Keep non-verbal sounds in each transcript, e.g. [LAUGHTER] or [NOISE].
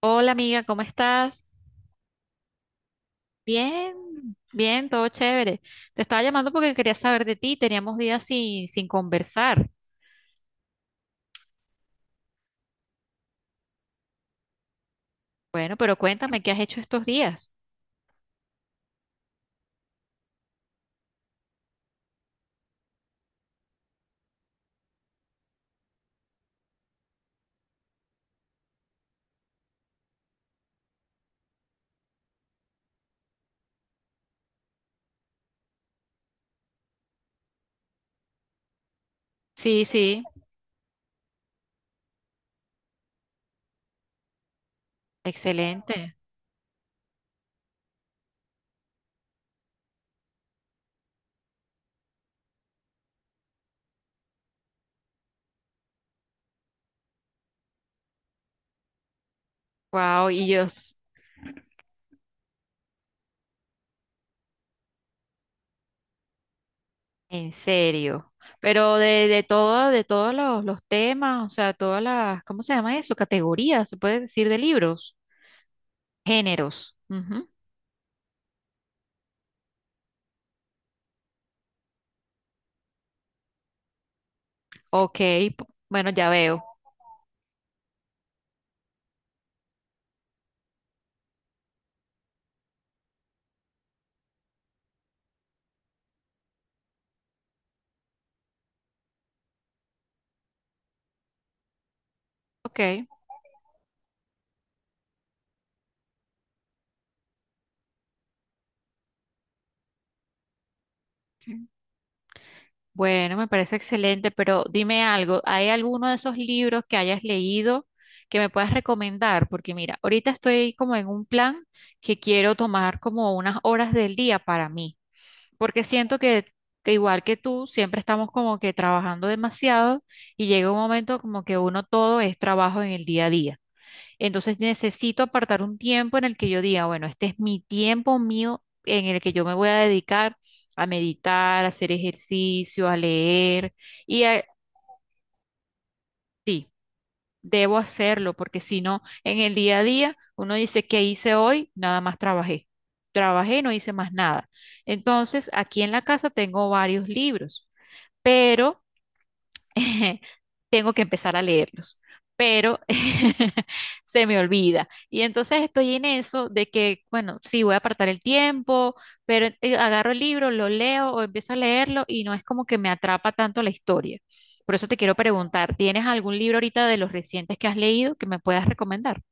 Hola amiga, ¿cómo estás? Bien, bien, todo chévere. Te estaba llamando porque quería saber de ti. Teníamos días sin conversar. Bueno, pero cuéntame, ¿qué has hecho estos días? Sí, sí, excelente. Wow, y yo, en serio. Pero de todo, de todos los temas, o sea, todas las, ¿cómo se llama eso? Categorías, se puede decir de libros, géneros. Ujú. Ok, bueno, ya veo. Ok, ok. Bueno, me parece excelente, pero dime algo, ¿hay alguno de esos libros que hayas leído que me puedas recomendar? Porque mira, ahorita estoy como en un plan que quiero tomar como unas horas del día para mí, porque siento que igual que tú, siempre estamos como que trabajando demasiado y llega un momento como que uno todo es trabajo en el día a día. Entonces necesito apartar un tiempo en el que yo diga, bueno, este es mi tiempo mío en el que yo me voy a dedicar a meditar, a hacer ejercicio, a leer y a- sí, debo hacerlo porque si no, en el día a día uno dice, ¿qué hice hoy? Nada más trabajé. Trabajé, no hice más nada. Entonces, aquí en la casa tengo varios libros, pero [LAUGHS] tengo que empezar a leerlos, pero [LAUGHS] se me olvida. Y entonces estoy en eso de que, bueno, sí, voy a apartar el tiempo, pero agarro el libro, lo leo o empiezo a leerlo y no es como que me atrapa tanto la historia. Por eso te quiero preguntar, ¿tienes algún libro ahorita de los recientes que has leído que me puedas recomendar?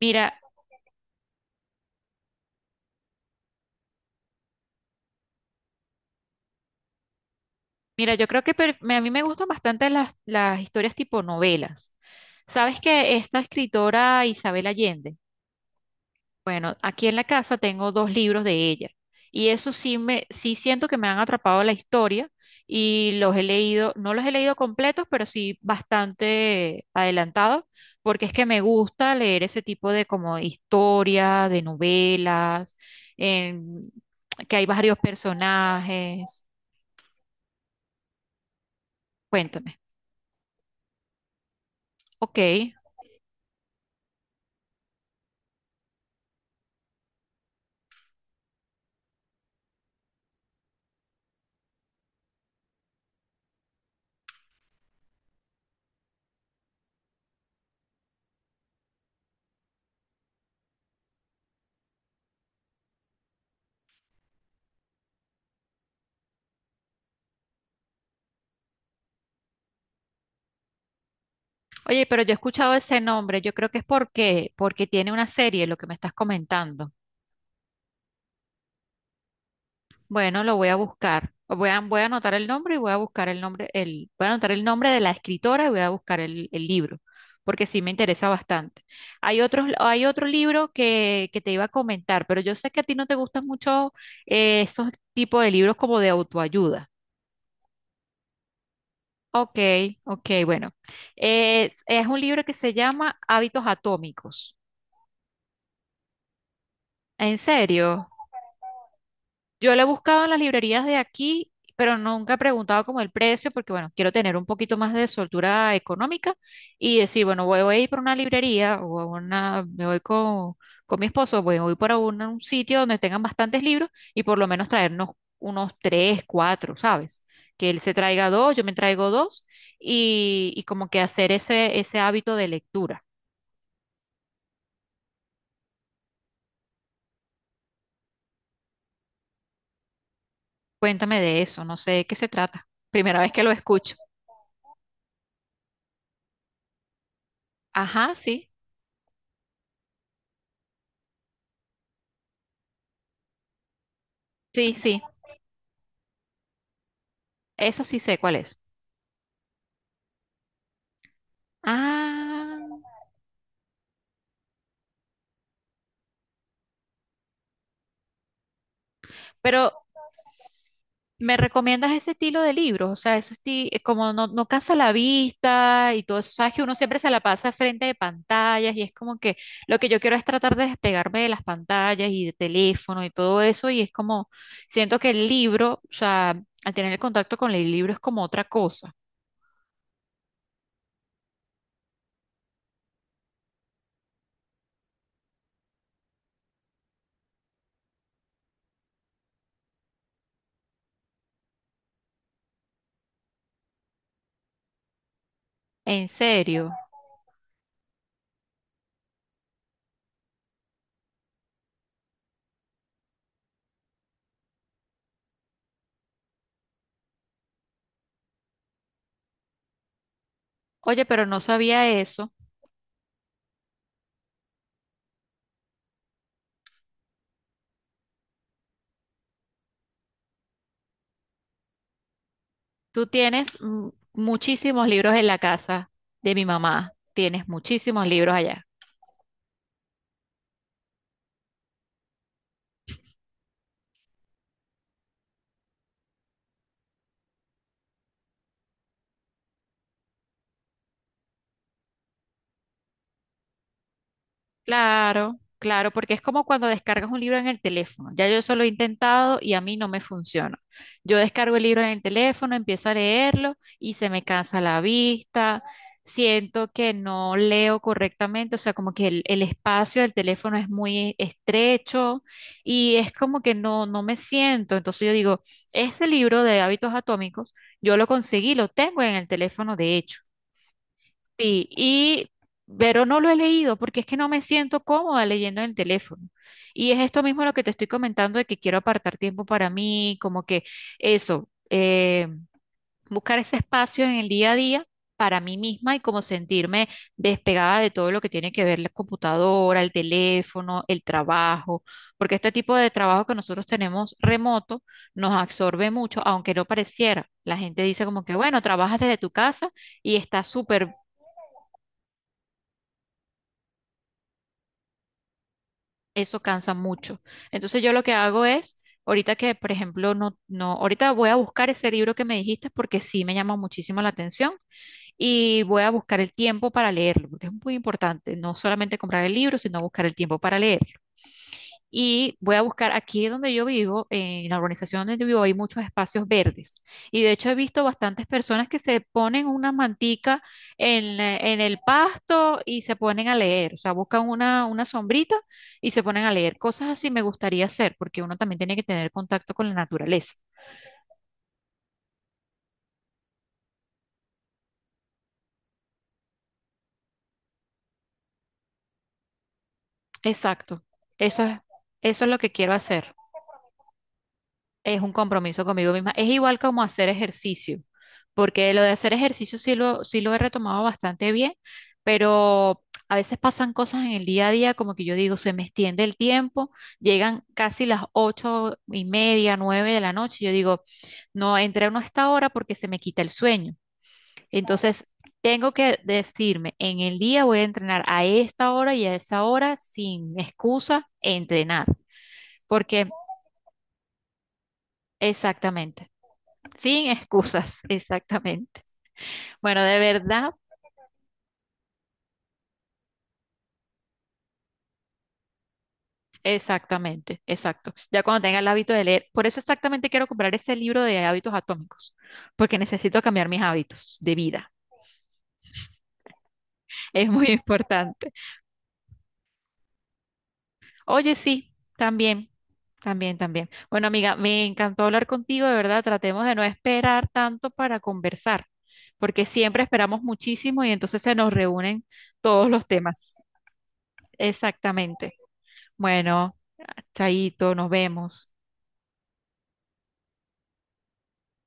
Mira, mira, yo creo que a mí me gustan bastante las historias tipo novelas. ¿Sabes que esta escritora Isabel Allende? Bueno, aquí en la casa tengo dos libros de ella y eso sí me, sí siento que me han atrapado la historia y los he leído, no los he leído completos, pero sí bastante adelantados, porque es que me gusta leer ese tipo de como historia, de novelas, en- que hay varios personajes. Cuéntame. Ok. Oye, pero yo he escuchado ese nombre, yo creo que es porque tiene una serie, lo que me estás comentando. Bueno, lo voy a buscar. Voy a anotar el nombre y voy a buscar el nombre, el, voy a anotar el nombre de la escritora y voy a buscar el libro, porque sí me interesa bastante. Hay otros, hay otro libro que te iba a comentar, pero yo sé que a ti no te gustan mucho esos tipos de libros como de autoayuda. Ok, ok, bueno. Es un libro que se llama Hábitos Atómicos. ¿En serio? Yo la he buscado en las librerías de aquí, pero nunca he preguntado como el precio, porque bueno, quiero tener un poquito más de soltura económica y decir, bueno, voy a ir por una librería o a una, me voy con mi esposo, voy por un sitio donde tengan bastantes libros y por lo menos traernos unos tres, cuatro, ¿sabes? Que él se traiga dos, yo me traigo dos y como que hacer ese, ese hábito de lectura. Cuéntame de eso, no sé de qué se trata. Primera vez que lo escucho. Ajá, sí, sí, sí, eso sí sé cuál es. Ah, pero ¿me recomiendas ese estilo de libros? O sea, eso es como no, no cansa la vista y todo eso. Sabes que uno siempre se la pasa frente de pantallas y es como que lo que yo quiero es tratar de despegarme de las pantallas y de teléfono y todo eso. Y es como, siento que el libro, o sea, al tener el contacto con el libro es como otra cosa. En serio. Oye, pero no sabía eso. Tú tienes muchísimos libros en la casa de mi mamá. Tienes muchísimos libros allá. Claro, claro, porque es como cuando descargas un libro en el teléfono. Ya yo eso lo he intentado y a mí no me funciona. Yo descargo el libro en el teléfono, empiezo a leerlo y se me cansa la vista, siento que no leo correctamente, o sea, como que el espacio del teléfono es muy estrecho y es como que no, no me siento. Entonces yo digo, este libro de hábitos atómicos, yo lo conseguí, lo tengo en el teléfono de hecho. Sí, y, pero no lo he leído porque es que no me siento cómoda leyendo en el teléfono. Y es esto mismo lo que te estoy comentando de que quiero apartar tiempo para mí, como que eso, buscar ese espacio en el día a día para mí misma y como sentirme despegada de todo lo que tiene que ver la computadora, el teléfono, el trabajo, porque este tipo de trabajo que nosotros tenemos remoto nos absorbe mucho, aunque no pareciera. La gente dice como que, bueno, trabajas desde tu casa y está súper. Eso cansa mucho. Entonces yo lo que hago es, ahorita que, por ejemplo, no, no, ahorita voy a buscar ese libro que me dijiste porque sí me llama muchísimo la atención y voy a buscar el tiempo para leerlo, porque es muy importante, no solamente comprar el libro, sino buscar el tiempo para leer. Y voy a buscar aquí donde yo vivo, en la urbanización donde yo vivo, hay muchos espacios verdes. Y de hecho he visto bastantes personas que se ponen una mantica en, en el pasto y se ponen a leer. O sea, buscan una sombrita y se ponen a leer. Cosas así me gustaría hacer, porque uno también tiene que tener contacto con la naturaleza. Exacto. Eso es, eso es lo que quiero hacer. Es un compromiso conmigo misma. Es igual como hacer ejercicio, porque lo de hacer ejercicio sí lo he retomado bastante bien, pero a veces pasan cosas en el día a día, como que yo digo, se me extiende el tiempo, llegan casi las 8:30, 9:00 de la noche, y yo digo, no entreno a esta hora porque se me quita el sueño. Entonces... Tengo que decirme, en el día voy a entrenar a esta hora y a esa hora sin excusa, entrenar, porque exactamente. Sin excusas, [LAUGHS] exactamente. Bueno, de verdad, exactamente, exacto. Ya cuando tenga el hábito de leer, por eso exactamente quiero comprar ese libro de hábitos atómicos, porque necesito cambiar mis hábitos de vida. Es muy [LAUGHS] importante. Oye, sí, también, también, también. Bueno, amiga, me encantó hablar contigo, de verdad. Tratemos de no esperar tanto para conversar, porque siempre esperamos muchísimo y entonces se nos reúnen todos los temas. Exactamente. Bueno, chaito, nos vemos.